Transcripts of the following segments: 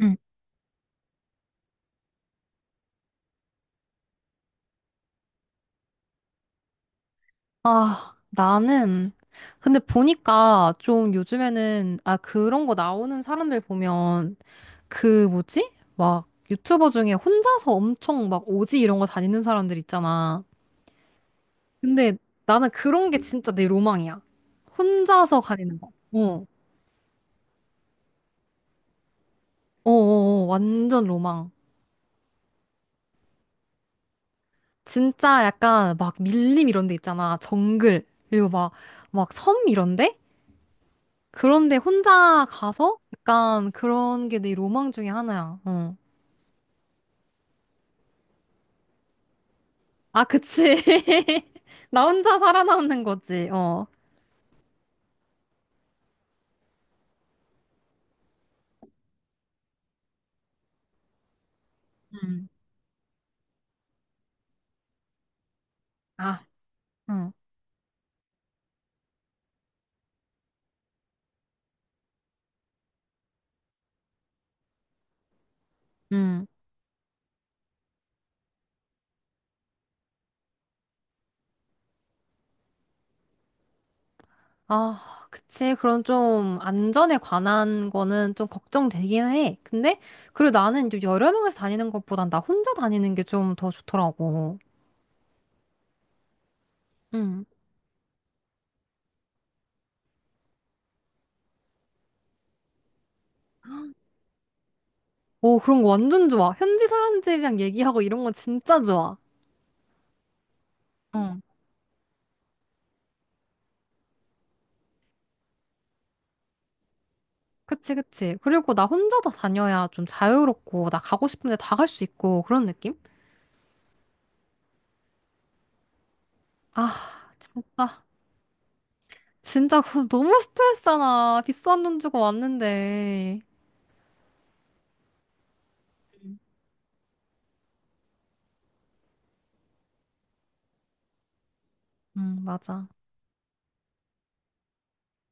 응. 아, 나는, 근데 보니까 좀 요즘에는, 아, 그런 거 나오는 사람들 보면, 그 뭐지? 막 유튜버 중에 혼자서 엄청 막 오지 이런 거 다니는 사람들 있잖아. 근데 나는 그런 게 진짜 내 로망이야. 혼자서 가리는 거. 어. 완전 로망. 진짜 약간 막 밀림 이런 데 있잖아. 정글. 그리고 막, 막 섬 이런데? 그런데 혼자 가서 약간 그런 게 내 로망 중에 하나야. 어. 아, 그치. 나 혼자 살아남는 거지. 어. 음. 아, 응. 응. 아, 그치. 그런 좀 안전에 관한 거는 좀 걱정되긴 해. 근데 그리고 나는 이제 여러 명이서 다니는 것보단 나 혼자 다니는 게 좀 더 좋더라고. 응. 오, 그런 거 완전 좋아. 현지 사람들이랑 얘기하고 이런 거 진짜 좋아. 어. 그치, 그치. 그리고 나 혼자 다 다녀야 좀 자유롭고, 나 가고 싶은데 다 갈 수 있고, 그런 느낌? 아, 진짜. 진짜 그거 너무 스트레스잖아. 비싼 돈 주고 왔는데. 응, 맞아.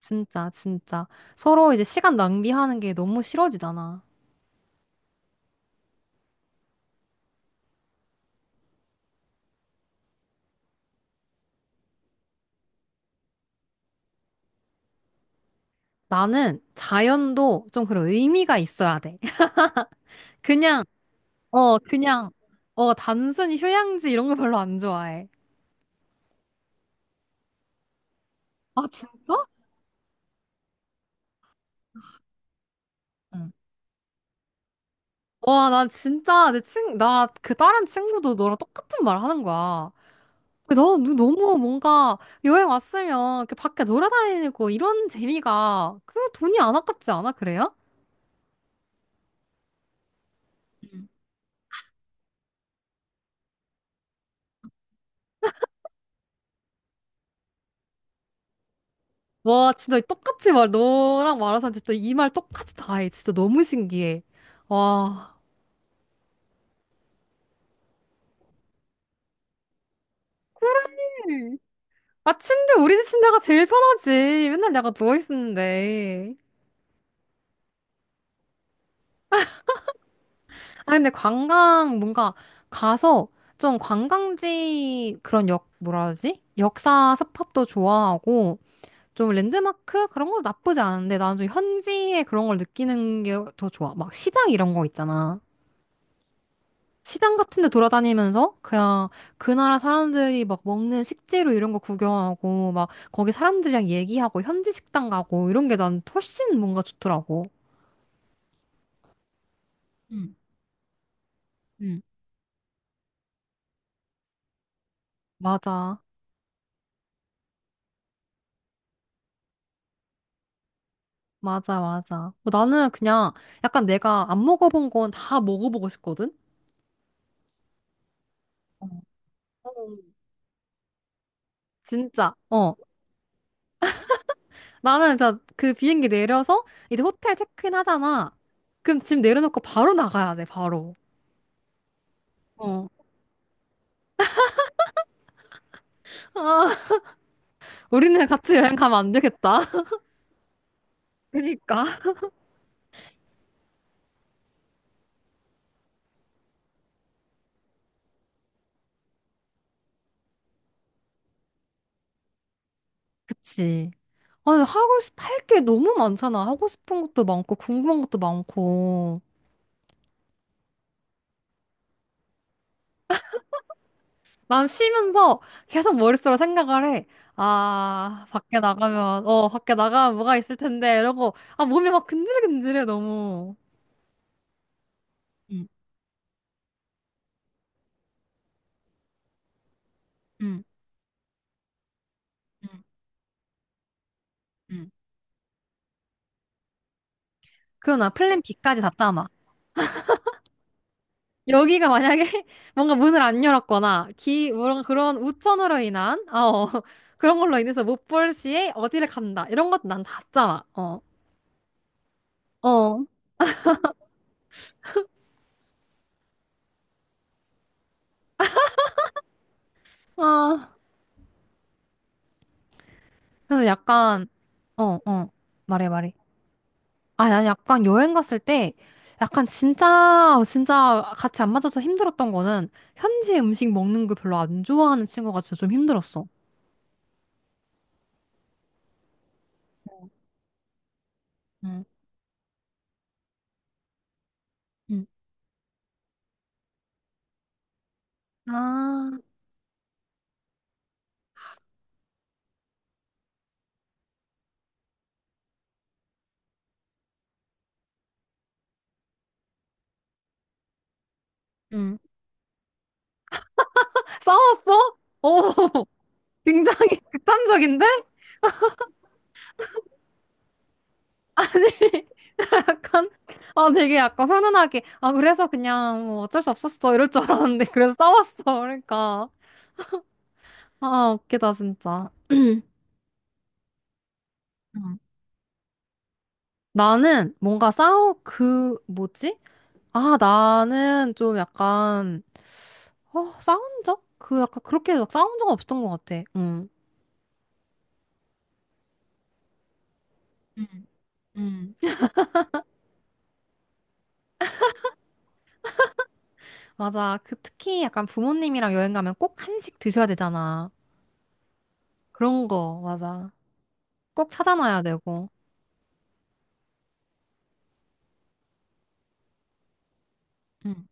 진짜, 진짜. 서로 이제 시간 낭비하는 게 너무 싫어지잖아. 나는 자연도 좀 그런 의미가 있어야 돼. 그냥, 어, 그냥, 어, 단순히 휴양지 이런 거 별로 안 좋아해. 아, 진짜? 응. 와, 난 진짜 내 친, 나 그 다른 친구도 너랑 똑같은 말 하는 거야. 너 너무 뭔가 여행 왔으면 그 밖에 놀아다니고 이런 재미가 그 돈이 안 아깝지 않아? 그래요? 와, 진짜 똑같이 말, 너랑 말해서 진짜 이 말 똑같이 다 해. 진짜 너무 신기해. 와. 음. 아, 침대, 우리 집 침대가 제일 편하지. 맨날 내가 누워있었는데. 아, 근데 관광, 뭔가 가서 좀 관광지 그런 역, 뭐라 하지? 역사 스팟도 좋아하고, 좀 랜드마크? 그런 거 나쁘지 않은데, 나는 좀 현지의 그런 걸 느끼는 게 더 좋아. 막 시장 이런 거 있잖아. 시장 같은 데 돌아다니면서 그냥 그 나라 사람들이 막 먹는 식재료 이런 거 구경하고, 막 거기 사람들이랑 얘기하고, 현지 식당 가고, 이런 게 난 훨씬 뭔가 좋더라고. 응, 응. 맞아. 맞아, 맞아. 뭐 나는 그냥 약간 내가 안 먹어본 건 다 먹어보고 싶거든? 어. 어. 진짜. 어. 나는 진짜 그 비행기 내려서 이제 호텔 체크인 하잖아. 그럼 짐 내려놓고 바로 나가야 돼, 바로. 어. 아, 우리는 같이 여행 가면 안 되겠다. 그니까. 그치. 아니, 하고 싶, 할 게 너무 많잖아. 하고 싶은 것도 많고, 궁금한 것도 많고. 난 쉬면서 계속 머릿속으로 생각을 해. 아, 밖에 나가면, 어, 밖에 나가면 뭐가 있을 텐데, 이러고, 아, 몸이 막 근질근질해, 너무. 응, 응, 응, 응. 그럼 나 플랜 B까지 잤잖아. 여기가 만약에 뭔가 문을 안 열었거나, 기, 뭔가 그런 우천으로 인한, 아, 어, 그런 걸로 인해서 못 볼 시에 어디를 간다. 이런 것도 난 다 잤잖아. 어. 어, 아, 그래서 약간, 어, 어. 말해, 말해. 아, 난 약간 여행 갔을 때 약간 진짜 진짜 같이 안 맞아서 힘들었던 거는 현지 음식 먹는 거 별로 안 좋아하는 친구가 진짜 좀 힘들었어. 응, 응, 아, 응. 싸웠어? 오, 굉장히 극단적인데? 약간, 아, 되게 약간 훈훈하게, 아, 그래서 그냥 뭐 어쩔 수 없었어. 이럴 줄 알았는데, 그래서 싸웠어. 그러니까. 아, 웃기다, 진짜. 응. 나는 뭔가 싸우, 그, 뭐지? 아, 나는 좀 약간, 어, 싸운 적? 그 약간 그렇게 막 싸운 적 없었던 것 같아. 응. 음, 음. 맞아. 그 특히 약간 부모님이랑 여행 가면 꼭 한식 드셔야 되잖아. 그런 거, 맞아. 꼭 찾아놔야 되고. 응,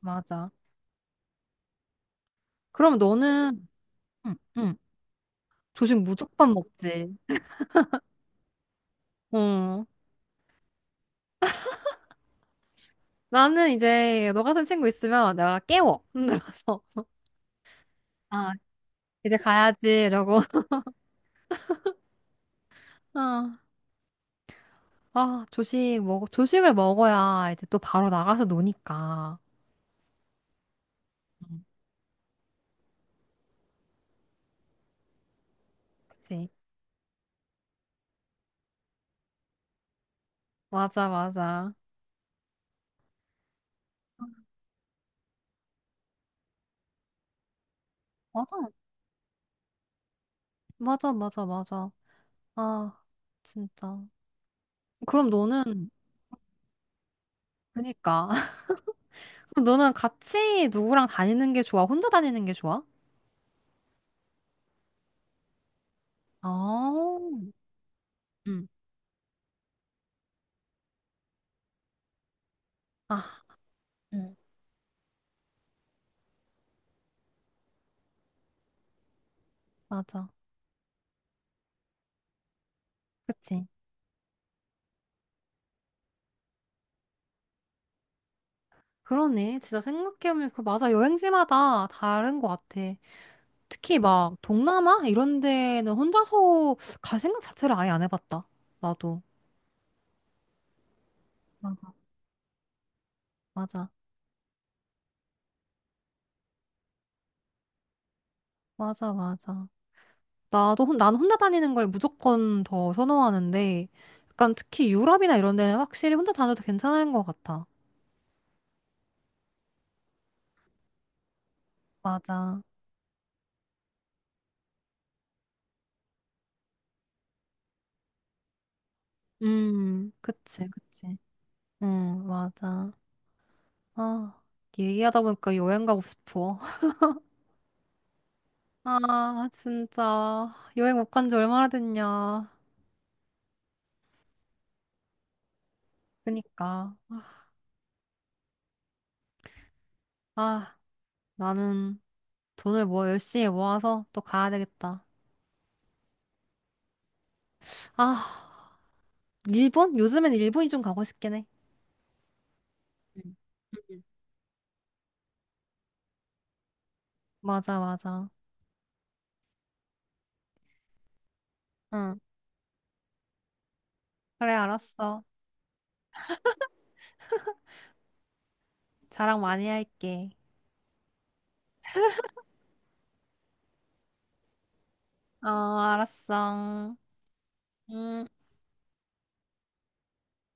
맞아. 그럼 너는, 응, 응. 조식 무조건 먹지. 응. 나는 이제 너 같은 친구 있으면 내가 깨워. 힘들어서. 아, 이제 가야지. 이러고. 아. 아, 조식 먹, 조식을 먹어야 이제 또 바로 나가서 노니까. 음. 그치? 맞아, 맞아. 맞아. 맞아, 맞아, 맞아. 아, 진짜. 그럼 너는, 그니까. 그럼 너는 같이 누구랑 다니는 게 좋아? 혼자 다니는 게 좋아? 아, 응 아, 응 맞아. 그치? 그러네. 진짜 생각해보면, 그 맞아. 여행지마다 다른 것 같아. 특히 막 동남아 이런 데는 혼자서 갈 생각 자체를 아예 안 해봤다. 나도. 맞아, 맞아, 맞아. 나도 혼, 난 혼자 다니는 걸 무조건 더 선호하는데, 약간 특히 유럽이나 이런 데는 확실히 혼자 다녀도 괜찮은 것 같아. 맞아. 그치, 그치. 응, 맞아. 아, 얘기하다 보니까 여행 가고 싶어. 아, 진짜. 여행 못 간지 얼마나 됐냐. 그니까. 아, 나는. 돈을 뭐 열심히 모아서 또 가야 되겠다. 아, 일본? 요즘엔 일본이 좀 가고 싶긴 해. 응. 응. 맞아, 맞아. 응. 그래, 알았어. 자랑 많이 할게. 어, 알았어. 음.